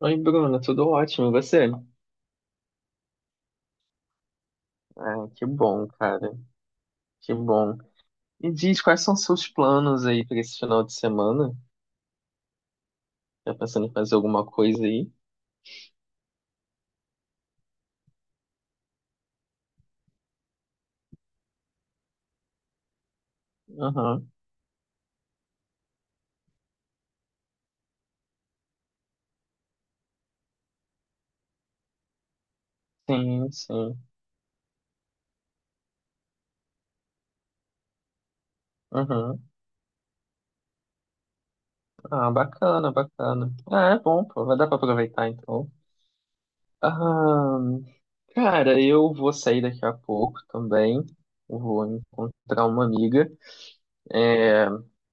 Oi, Bruna, tudo ótimo, e você? Ah, que bom, cara, que bom. E diz, quais são seus planos aí para esse final de semana? Tá pensando em fazer alguma coisa aí? Aham. Sim, sim. Uhum. Ah, bacana, bacana. Ah, é bom, pô, vai dar pra aproveitar então. Ah, cara, eu vou sair daqui a pouco também. Vou encontrar uma amiga. É,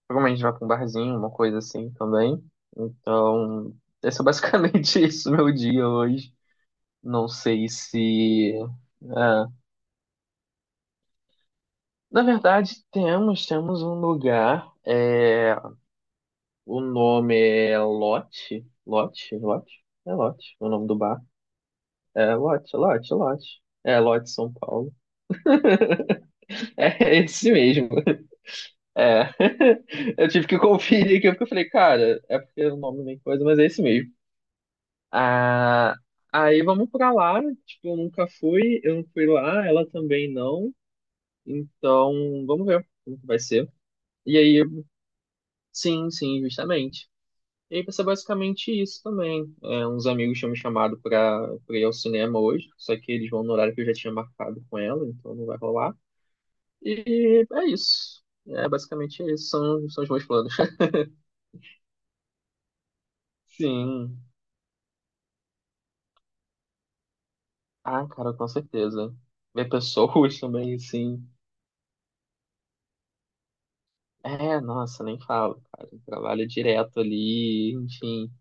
Provavelmente vai pra um barzinho, uma coisa assim também. Então, esse é basicamente isso, meu dia hoje. Não sei se. é, Na verdade, temos um lugar. O nome é Lote. Lote? Lote? É Lote, o nome do bar. É Lote, Lote, Lote. É Lote São Paulo. É esse mesmo. É. Eu tive que conferir aqui porque eu falei, cara, é porque o nome nem coisa, mas é esse mesmo. Ah, aí vamos pra lá. Tipo, eu nunca fui, eu não fui lá, ela também não. Então, vamos ver como que vai ser. E aí, sim, sim, justamente. E aí vai ser basicamente isso também. É, uns amigos tinham me chamado pra ir ao cinema hoje, só que eles vão no horário que eu já tinha marcado com ela, então não vai rolar. E é isso. É basicamente isso. São os meus planos. Sim. Ah, cara, com certeza. Ver pessoas também, sim. É, nossa, nem falo, cara. Trabalho direto ali, enfim.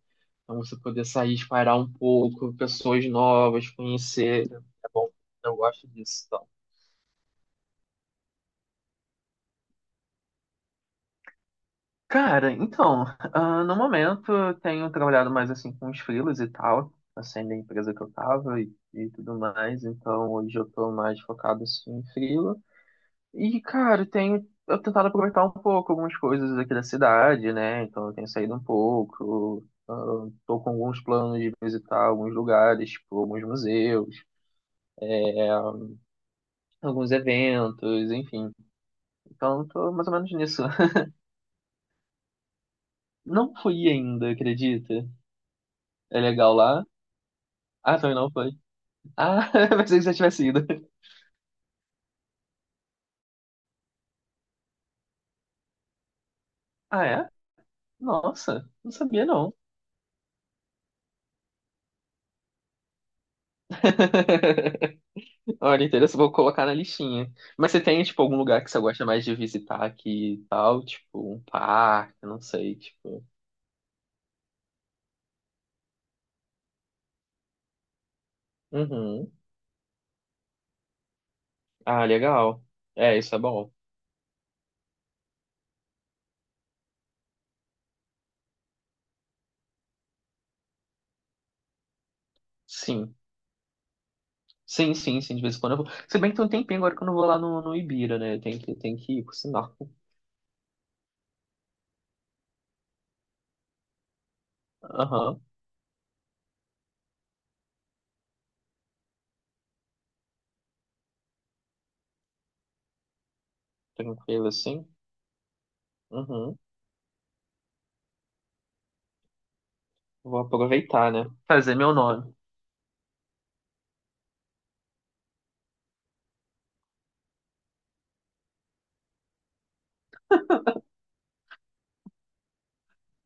Então você poder sair, espairar um pouco, pessoas novas, conhecer. É bom, eu gosto disso, então. Cara, então, no momento eu tenho trabalhado mais assim com os freelas e tal, assim, da empresa que eu tava e tudo mais. Então hoje eu tô mais focado assim em freela. E, cara, eu tentado aproveitar um pouco algumas coisas aqui da cidade, né? Então, eu tenho saído um pouco. Tô com alguns planos de visitar alguns lugares, tipo, alguns museus, alguns eventos, enfim. Então, tô mais ou menos nisso. Não fui ainda, acredita? É legal lá? Ah, também não foi. Ah, pensei que você tivesse ido. Ah, é? Nossa, não sabia não. Olha, interessante, vou colocar na listinha. Mas você tem, tipo, algum lugar que você gosta mais de visitar aqui e tal? Tipo, um parque, não sei, tipo. Uhum. Ah, legal. É, isso é bom. Sim. Sim, sim, sim, de vez em quando eu vou. Se bem que tem um tempinho agora que eu não vou lá no Ibira, né? Eu tenho que ir, por sinal. Aham. Tranquilo, assim. Uhum. Vou aproveitar, né? Fazer meu nome.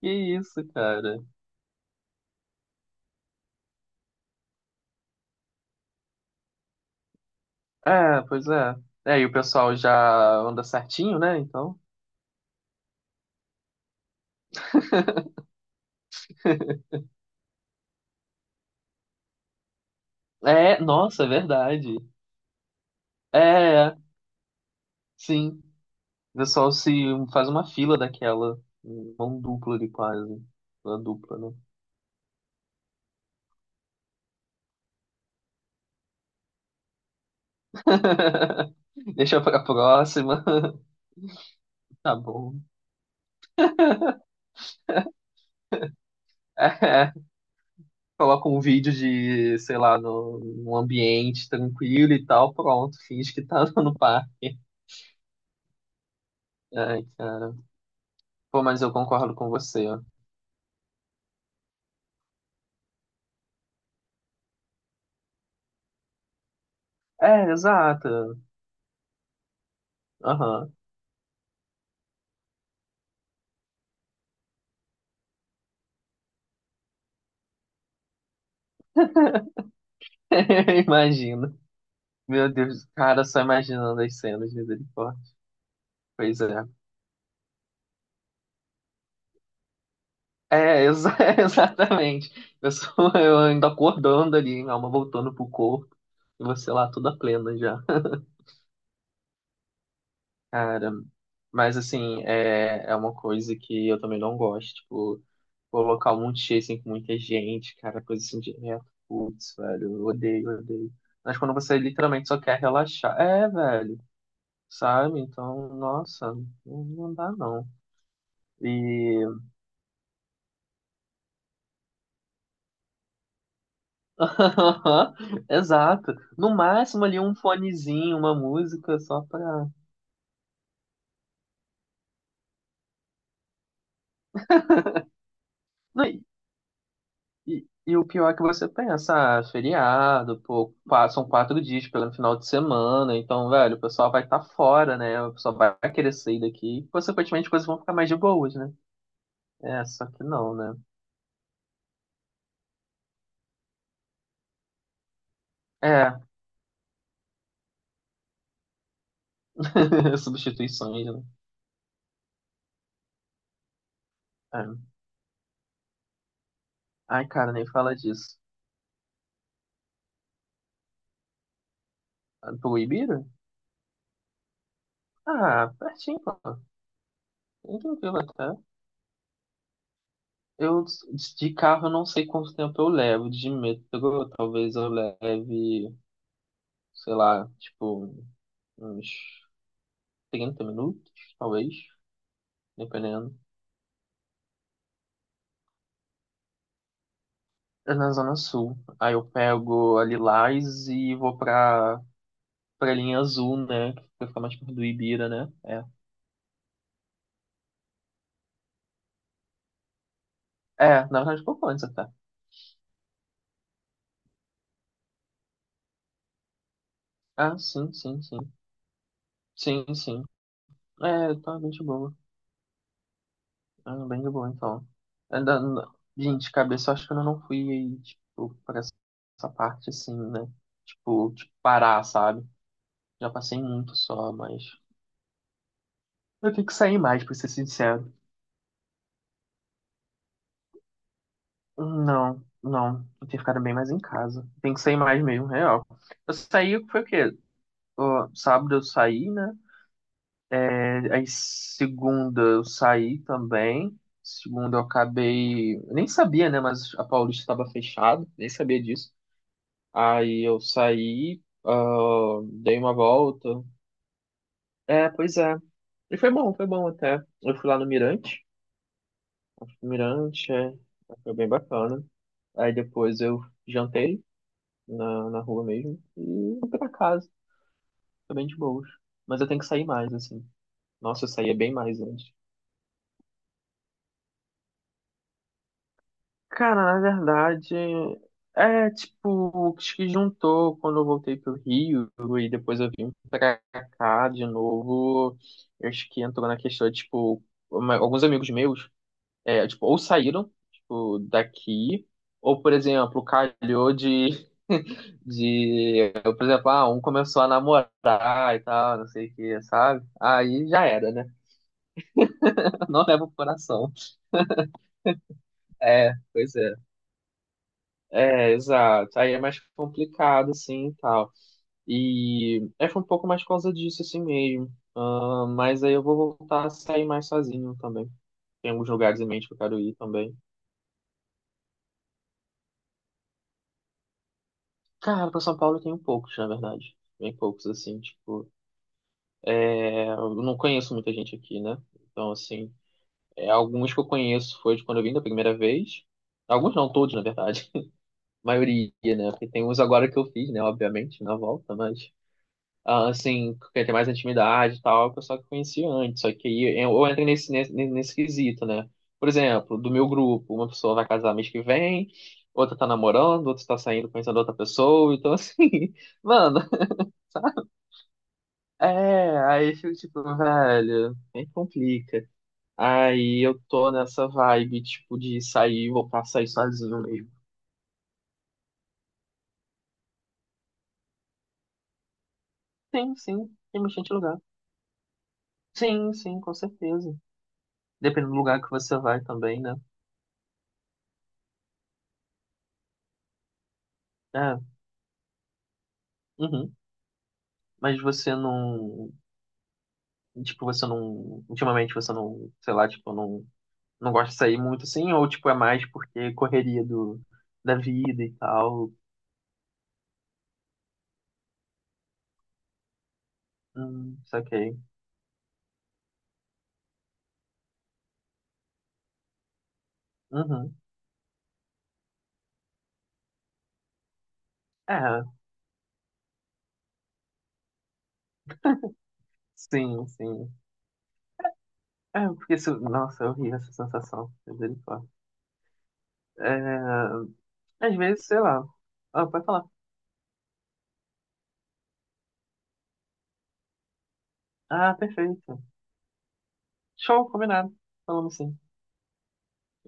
Que isso, cara. É, pois é. É, e o pessoal já anda certinho, né? Então. É, nossa, é verdade. É, é, sim. O pessoal se faz uma fila daquela. Mão dupla de quase. Uma dupla, né? Deixa pra próxima. Tá bom. É, é. Coloca um vídeo de, sei lá, no, num ambiente tranquilo e tal, pronto, finge que tá no parque. Ai, cara. Pô, mas eu concordo com você. É, exato. Aham. Imagina. Meu Deus, cara, só imaginando as cenas, misericórdia. Pois é. É, exatamente. Eu ainda acordando ali, minha alma voltando pro corpo, e você lá toda plena já. Cara, mas assim, é uma coisa que eu também não gosto, tipo, colocar um monte de cheio, assim, com muita gente, cara, coisa assim direto. Putz, velho, eu odeio, eu odeio. Mas quando você literalmente só quer relaxar, é, velho, sabe? Então, nossa, não, não dá não. E exato. No máximo ali um fonezinho, uma música só pra. Não, e o pior é que você pensa, ah, feriado, pô, são 4 dias pelo final de semana, então, velho, o pessoal vai estar fora, né? O pessoal vai querer sair daqui. Consequentemente, as coisas vão ficar mais de boas, né? É, só que não, né? É, substituições, né? É. Ai, cara, nem fala disso. Ah, Ibira. Ah, pertinho, pô. Bem tranquilo até. Eu, de carro, eu não sei quanto tempo eu levo. De metrô, talvez eu leve, sei lá, tipo, uns 30 minutos, talvez, dependendo. É na Zona Sul. Aí eu pego a Lilás e vou pra linha azul, né? Que fica mais perto do Ibira, né? É. É, na verdade, pouco antes até. Ah, sim, sim, sim. Sim, sim. É, tá bem de boa. Ah, bem de boa, então. Ainda, gente, de cabeça, eu acho que eu não fui aí, tipo, pra essa parte assim, né? Tipo, de parar, sabe? Já passei muito só, mas. Eu tenho que sair mais, pra ser sincero. Não, não. Eu tenho ficado bem mais em casa. Tem que sair mais mesmo, real. Eu saí, foi o quê? Ó, sábado eu saí, né? É, aí segunda eu saí também. Segunda eu acabei. Eu nem sabia, né? Mas a Paulista estava fechada, nem sabia disso. Aí eu saí, dei uma volta. É, pois é. E foi bom até. Eu fui lá no Mirante. O Mirante, foi bem bacana. Aí depois eu jantei na rua mesmo e fui pra casa. Foi bem de boas. Mas eu tenho que sair mais, assim. Nossa, eu saía bem mais antes. Cara, na verdade, é tipo o que juntou quando eu voltei pro Rio e depois eu vim pra cá de novo. Eu acho que entrou na questão, tipo, alguns amigos meus, tipo, ou saíram, tipo, daqui, ou, por exemplo, calhou de, de, por exemplo, um começou a namorar e tal, não sei o que, sabe? Aí já era, né? Não leva o coração. É, pois é. É, exato. Aí é mais complicado, assim, e tal. E foi um pouco mais por causa disso, assim mesmo. Ah, mas aí eu vou voltar a sair mais sozinho também. Tem alguns lugares em mente que eu quero ir também. Cara, pra São Paulo eu tenho poucos, na verdade. Bem poucos, assim, tipo... Eu não conheço muita gente aqui, né? Então, assim, alguns que eu conheço foi de quando eu vim da primeira vez. Alguns não, todos, na verdade. A maioria, né? Porque tem uns agora que eu fiz, né? Obviamente, na volta, mas... assim, quer ter mais intimidade e tal, o pessoal que eu conhecia antes. Só que aí eu entrei nesse quesito, né? Por exemplo, do meu grupo, uma pessoa vai casar mês que vem, outra tá namorando, outra tá saindo conhecendo outra pessoa, então assim, mano, aí eu fico tipo, velho, nem complica. Aí eu tô nessa vibe, tipo, de sair, voltar a sair sozinho mesmo. Sim, sim, tem bastante lugar. Sim, sim, com certeza. Depende do lugar que você vai também, né? É. Uhum. Mas você não, tipo, você não, ultimamente você não, sei lá, tipo, não, não gosta de sair muito assim, ou tipo, é mais porque correria do, da vida e tal. Saquei. Uhum. É, sim, sim. É, porque se, nossa, eu ri essa sensação. Misericórdia. É, às vezes, sei lá. Ah, pode falar. Ah, perfeito. Show, combinado. Falamos sim.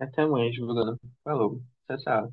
Até amanhã, Juliana. Falou. Tchau, tchau.